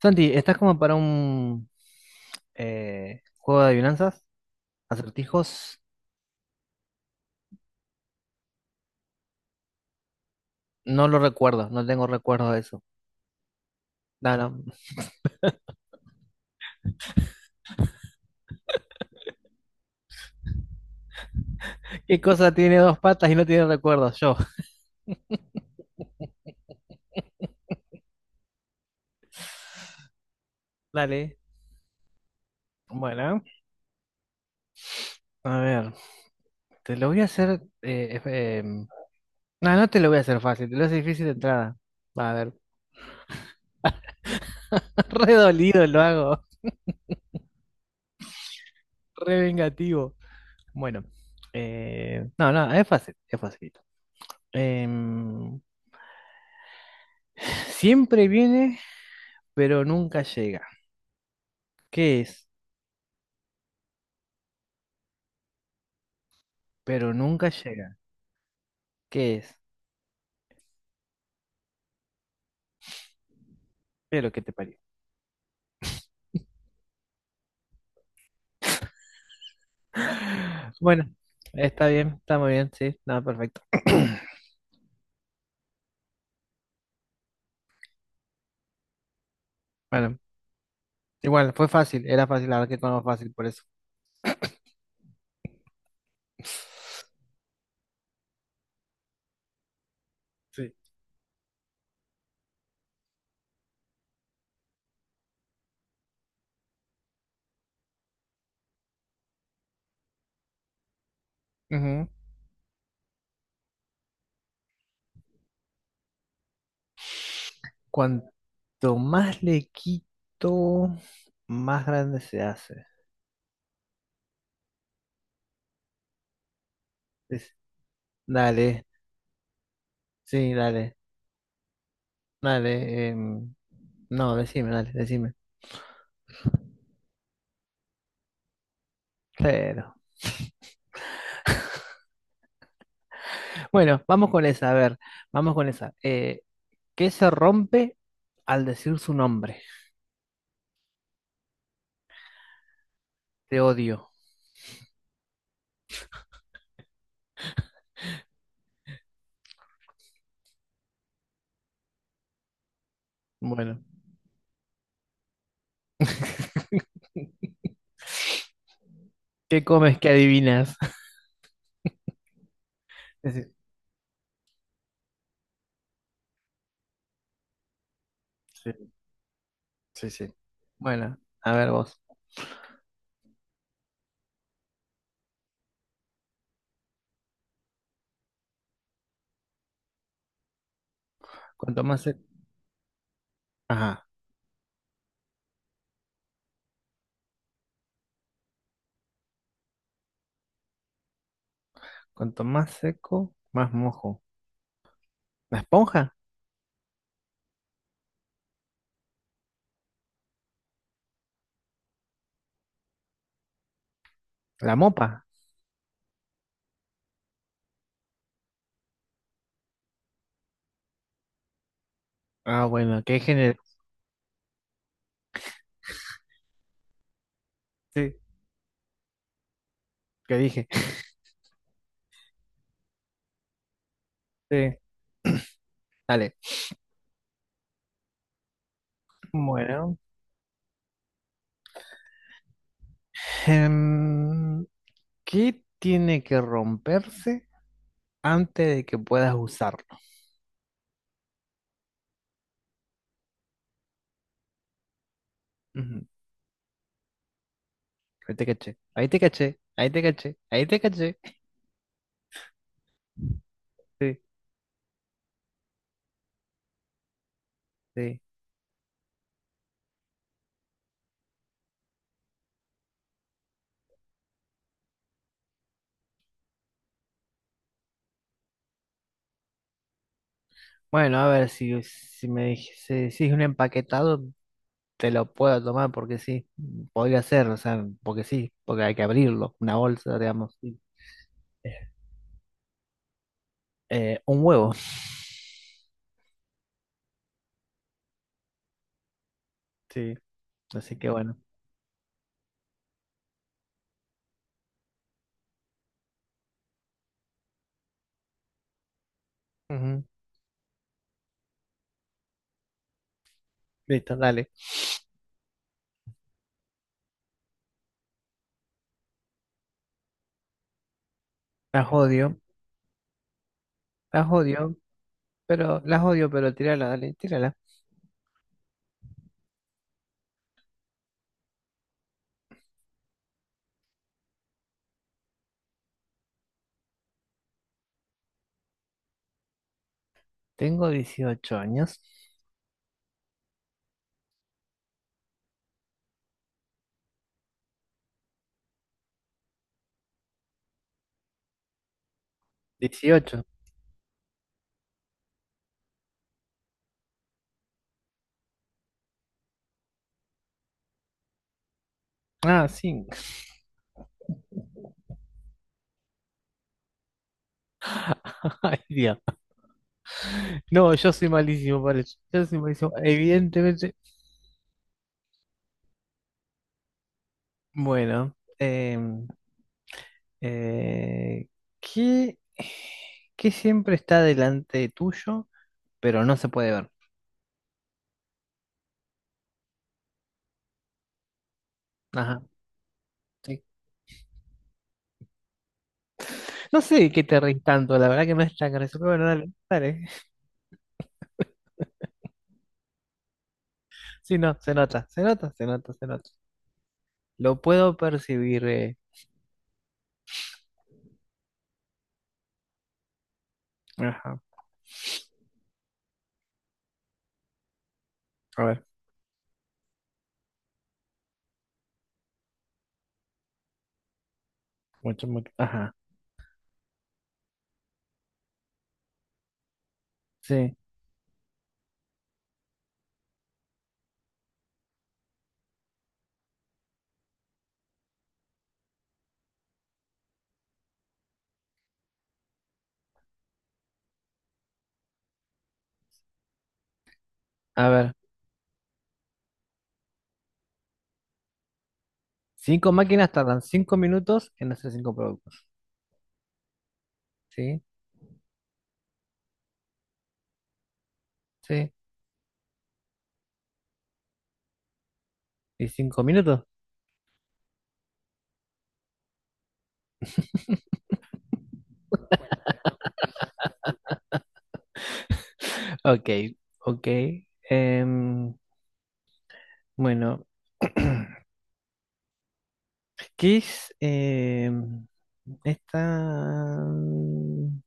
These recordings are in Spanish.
Santi, ¿estás como para un juego de adivinanzas? ¿Acertijos? No lo recuerdo, no tengo recuerdo de eso. No, no. ¿Qué cosa tiene dos patas y no tiene recuerdos? Yo. Dale. Bueno, a ver, te lo voy a hacer. No, no te lo voy a hacer fácil, te lo hace difícil de entrada. Va a ver, re dolido lo hago, re vengativo. Bueno, no, no, es fácil, es facilito. Em, Siempre viene, pero nunca llega. ¿Qué es? Pero nunca llega. ¿Qué es? Pero que te parió. Bueno, está bien, está muy bien, sí, nada, perfecto. Bueno, igual, fue fácil, era fácil, la verdad que fue fácil por eso. Sí. Ujú. Cuanto más le quito, más grande se hace. Es- Dale, sí, dale, dale. No, decime, dale, decime. Pero. Bueno, vamos con esa, a ver, vamos con esa. ¿Qué se rompe al decir su nombre? Te odio. Bueno, ¿qué comes que adivinas? Sí, sí, sí, sí. Bueno, a ver vos. Cuanto más seco, ajá. Cuanto más seco, más mojo. ¿La esponja? ¿La mopa? Ah, bueno, qué género. Sí, qué dije. Sí, dale. Bueno, em, ¿qué tiene que romperse antes de que puedas usarlo? Ujú. Ahí te caché, ahí te caché, ahí te caché, ahí te caché. Sí, sí. Bueno, a ver, si me dijese, si es un empaquetado, te lo puedo tomar porque sí, podría ser, o sea, porque sí, porque hay que abrirlo, una bolsa, digamos. Sí. Un huevo, sí, así que bueno. Ujú. Listo, dale. Las odio, las odio, las odio, pero tírala, dale, tírala. Tengo 18 años. Dieciocho. Ah, sí. Ay, Dios. No, yo soy malísimo para eso. Yo soy malísimo. Evidentemente. Bueno, Eh, ¿qué, qué siempre está delante tuyo, pero no se puede ver? Ajá. Sí. No sé de qué te reís tanto, la verdad que no es tan gracioso, pero bueno, dale, dale. Sí, no, se nota, se nota, se nota, se nota. Lo puedo percibir. Ajá. A ver. Mucho, mucho. Ajá. Sí. A ver. Cinco máquinas tardan 5 minutos en hacer cinco productos. ¿Sí? Sí. ¿Y 5 minutos? Ok, ok. Em, bueno. ¿Qué es esta? mm,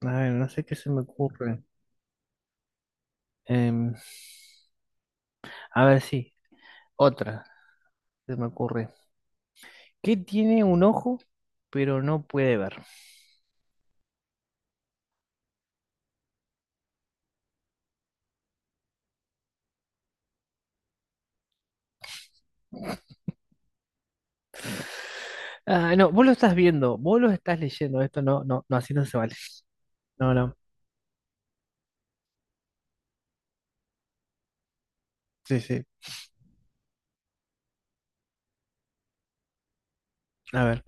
A ver, no sé qué se me ocurre. Em, a ver, sí, otra se me ocurre. ¿Qué tiene un ojo pero no puede ver? Ah, no, vos lo estás viendo, vos lo estás leyendo. Esto no, no, no, así no se vale. No, no, sí, sí. A ver.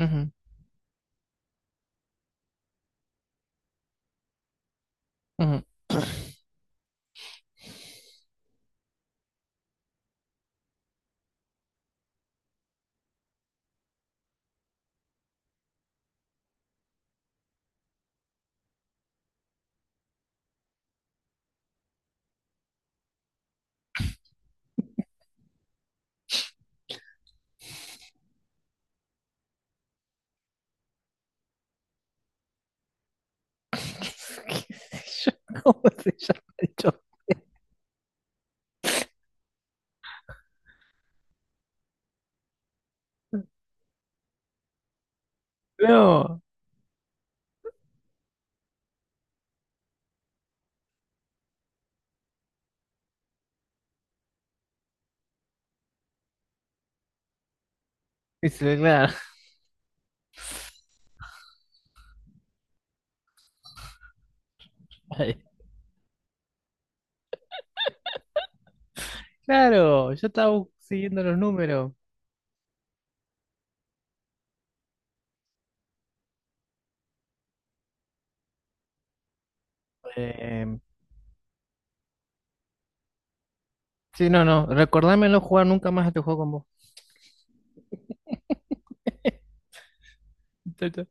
Ujú, ujú. ¿Qué sé yo? ¿Cómo se llama esto? No, dice, claro. Ay, claro, yo estaba siguiendo los números. Em, Sí, no, no. Recordámelo jugar nunca más este juego con vos. Chao, chao.